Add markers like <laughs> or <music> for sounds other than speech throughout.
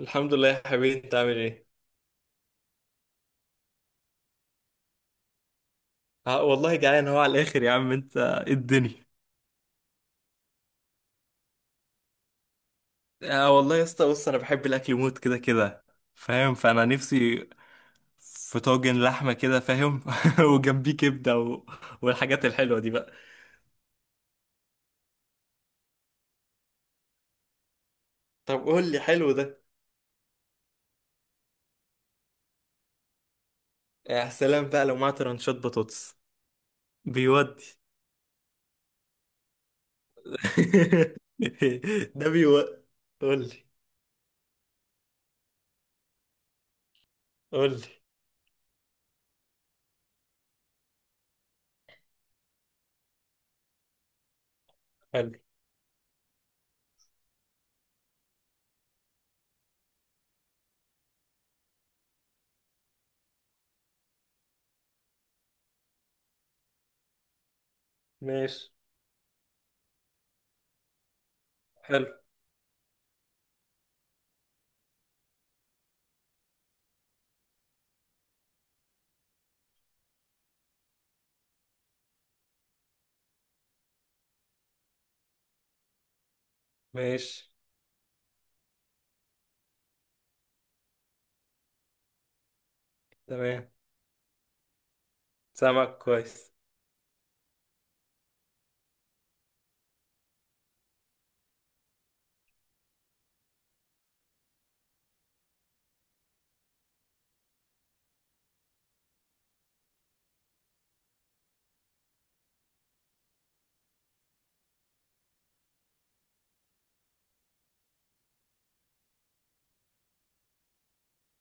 الحمد لله يا حبيبي، انت عامل ايه؟ آه والله، جعان هو على الاخر. يا عم، انت ايه الدنيا؟ آه والله يا اسطى، بص انا بحب الاكل موت كده كده، فاهم؟ فانا نفسي في طاجن لحمه كده، فاهم؟ <laughs> وجنبيه كبده و... والحاجات الحلوه دي بقى. طب قول لي حلو ده. يا سلام بقى لو معاه ترانشات بطاطس. بيودي. <laughs> ده بيودي. قول لي، قول لي. حلو. ماشي. حلو. ماشي. تمام. سامعك كويس.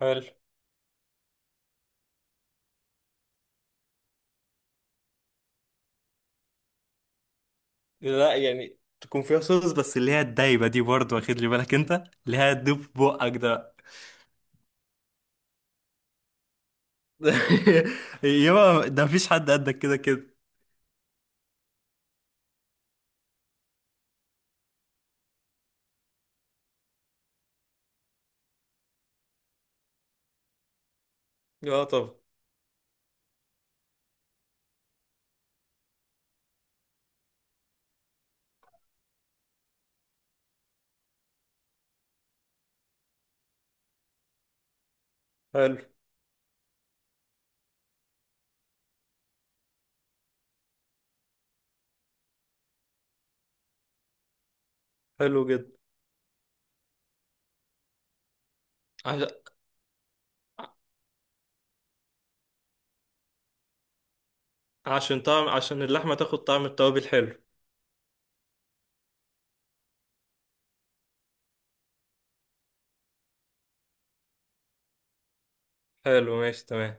حلو. لا، يعني تكون فيها صوص، بس اللي هي الدايبة دي برضه، واخد لي بالك؟ انت اللي هي تدوب في بقك ده. <laughs> يابا، ده مفيش حد قدك كده كده. اه، طب. حلو. حلو جدا. عش... عشان طعم، عشان اللحمة تاخد طعم التوابل. حلو. حلو. ماشي. تمام.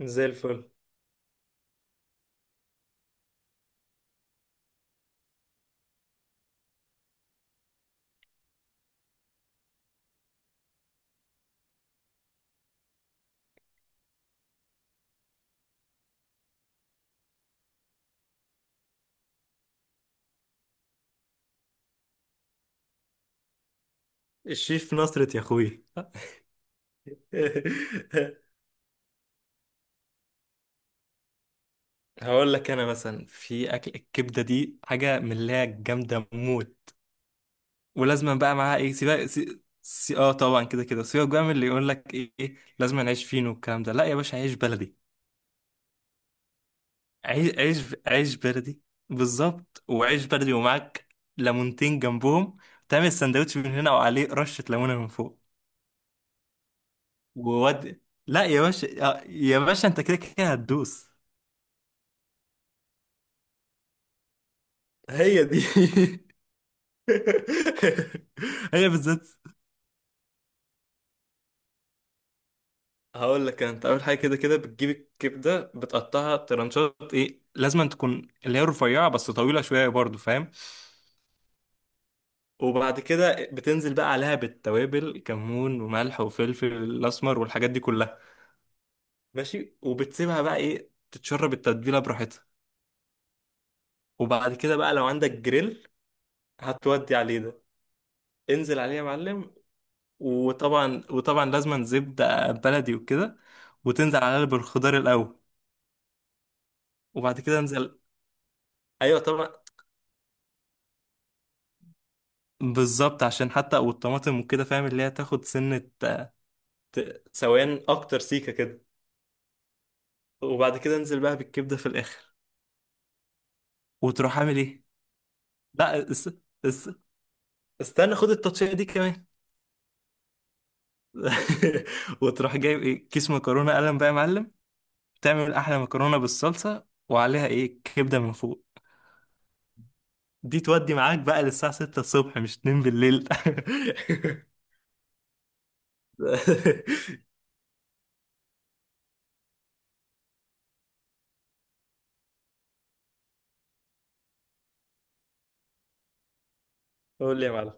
زي الفل. الشيف نصرة يا اخوي. <laughs> هقول لك، انا مثلا في اكل الكبدة دي حاجة من اللي هي جامدة موت. ولازما بقى معاها ايه؟ سيبك اه، طبعا كده كده. سيبك بقى من اللي يقول لك ايه إيه، لازم نعيش فين والكلام ده. لا يا باشا، عيش بلدي. عيش عيش عيش بلدي. بالظبط، وعيش بلدي ومعاك ليمونتين جنبهم. تعمل سندوتش من هنا وعليه رشة ليمونة من فوق. وود. لا يا باشا، آه، يا باشا انت كده كده هتدوس. هي دي. <laughs> هي بالذات. هقول لك، انت اول حاجه كده كده بتجيب الكبده، بتقطعها ترنشات ايه، لازم تكون اللي هي رفيعه بس طويله شويه برضو، فاهم؟ وبعد كده بتنزل بقى عليها بالتوابل، كمون وملح وفلفل الاسمر والحاجات دي كلها. ماشي. وبتسيبها بقى ايه تتشرب التتبيله براحتها. وبعد كده بقى لو عندك جريل، هتودي عليه ده. انزل عليه يا معلم. وطبعا وطبعا لازم زبده بلدي وكده. وتنزل عليها بالخضار الاول. وبعد كده انزل. ايوه طبعا. بالظبط، عشان حتى والطماطم وكده، فاهم؟ اللي هي تاخد سنة، سوان أكتر سيكة كده. وبعد كده انزل بقى بالكبدة في الآخر. وتروح عامل إيه؟ لا، اس... استنى، خد التطشية دي كمان. <laughs> وتروح جايب إيه؟ كيس مكرونة قلم بقى يا معلم. تعمل أحلى مكرونة بالصلصة، وعليها إيه؟ كبدة من فوق. دي تودي معاك بقى للساعة 6 الصبح مش 2 بالليل. <laughs> قول لي يا معلم.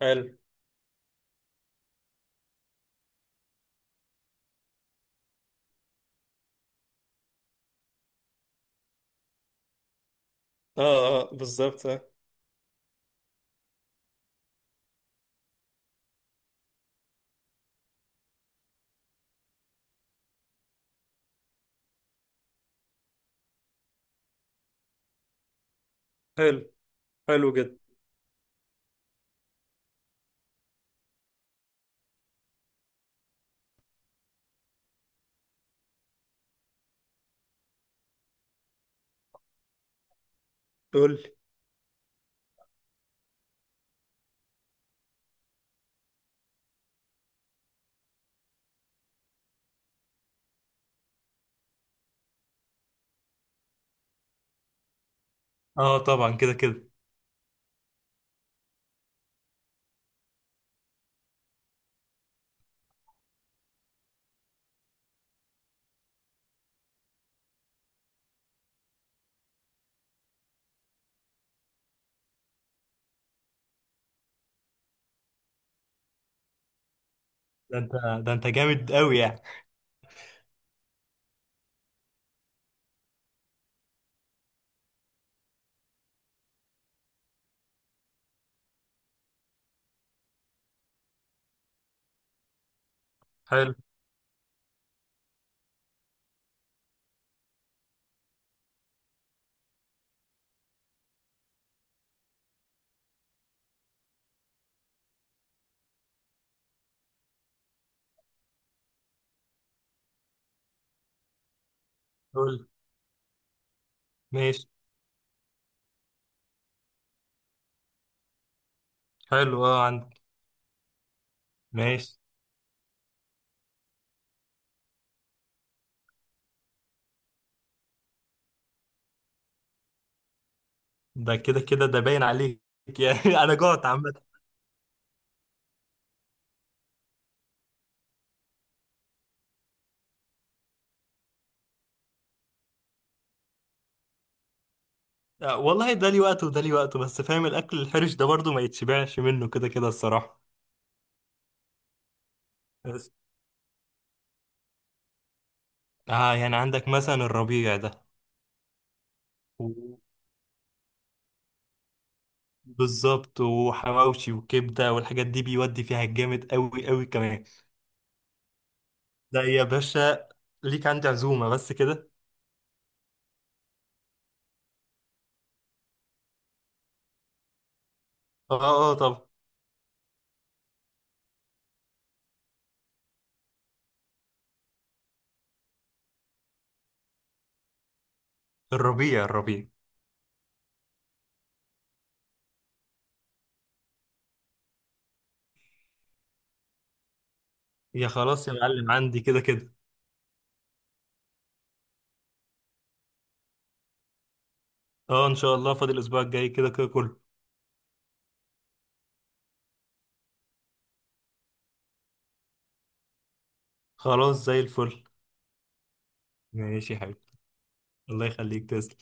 حلو. اه اه، بالظبط آه. حلو. حلو جدا. قول. اه طبعا كده كده. ده انت ده انت جامد قوي يعني. حلو. قول. ماشي. حلو. اه، عندك. ماشي. ده كده كده ده باين عليك، يعني. <laughs> انا جوعت عامة. آه، والله ده لي وقته وده لي وقته، بس فاهم الاكل الحرش ده برضو ما يتشبعش منه كده كده، الصراحة. بس. اه، يعني عندك مثلا الربيع ده. و- بالظبط، وحواوشي وكبدة والحاجات دي، بيودي فيها جامد قوي قوي كمان. ده يا باشا ليك عندي عزومة بس كده. اه اه طبعا. الربيع الربيع. يا خلاص يا معلم، عندي كده كده. اه ان شاء الله، فاضل الاسبوع الجاي كده كده كله. خلاص زي الفل. ماشي يا حبيبي. الله يخليك، تسلم.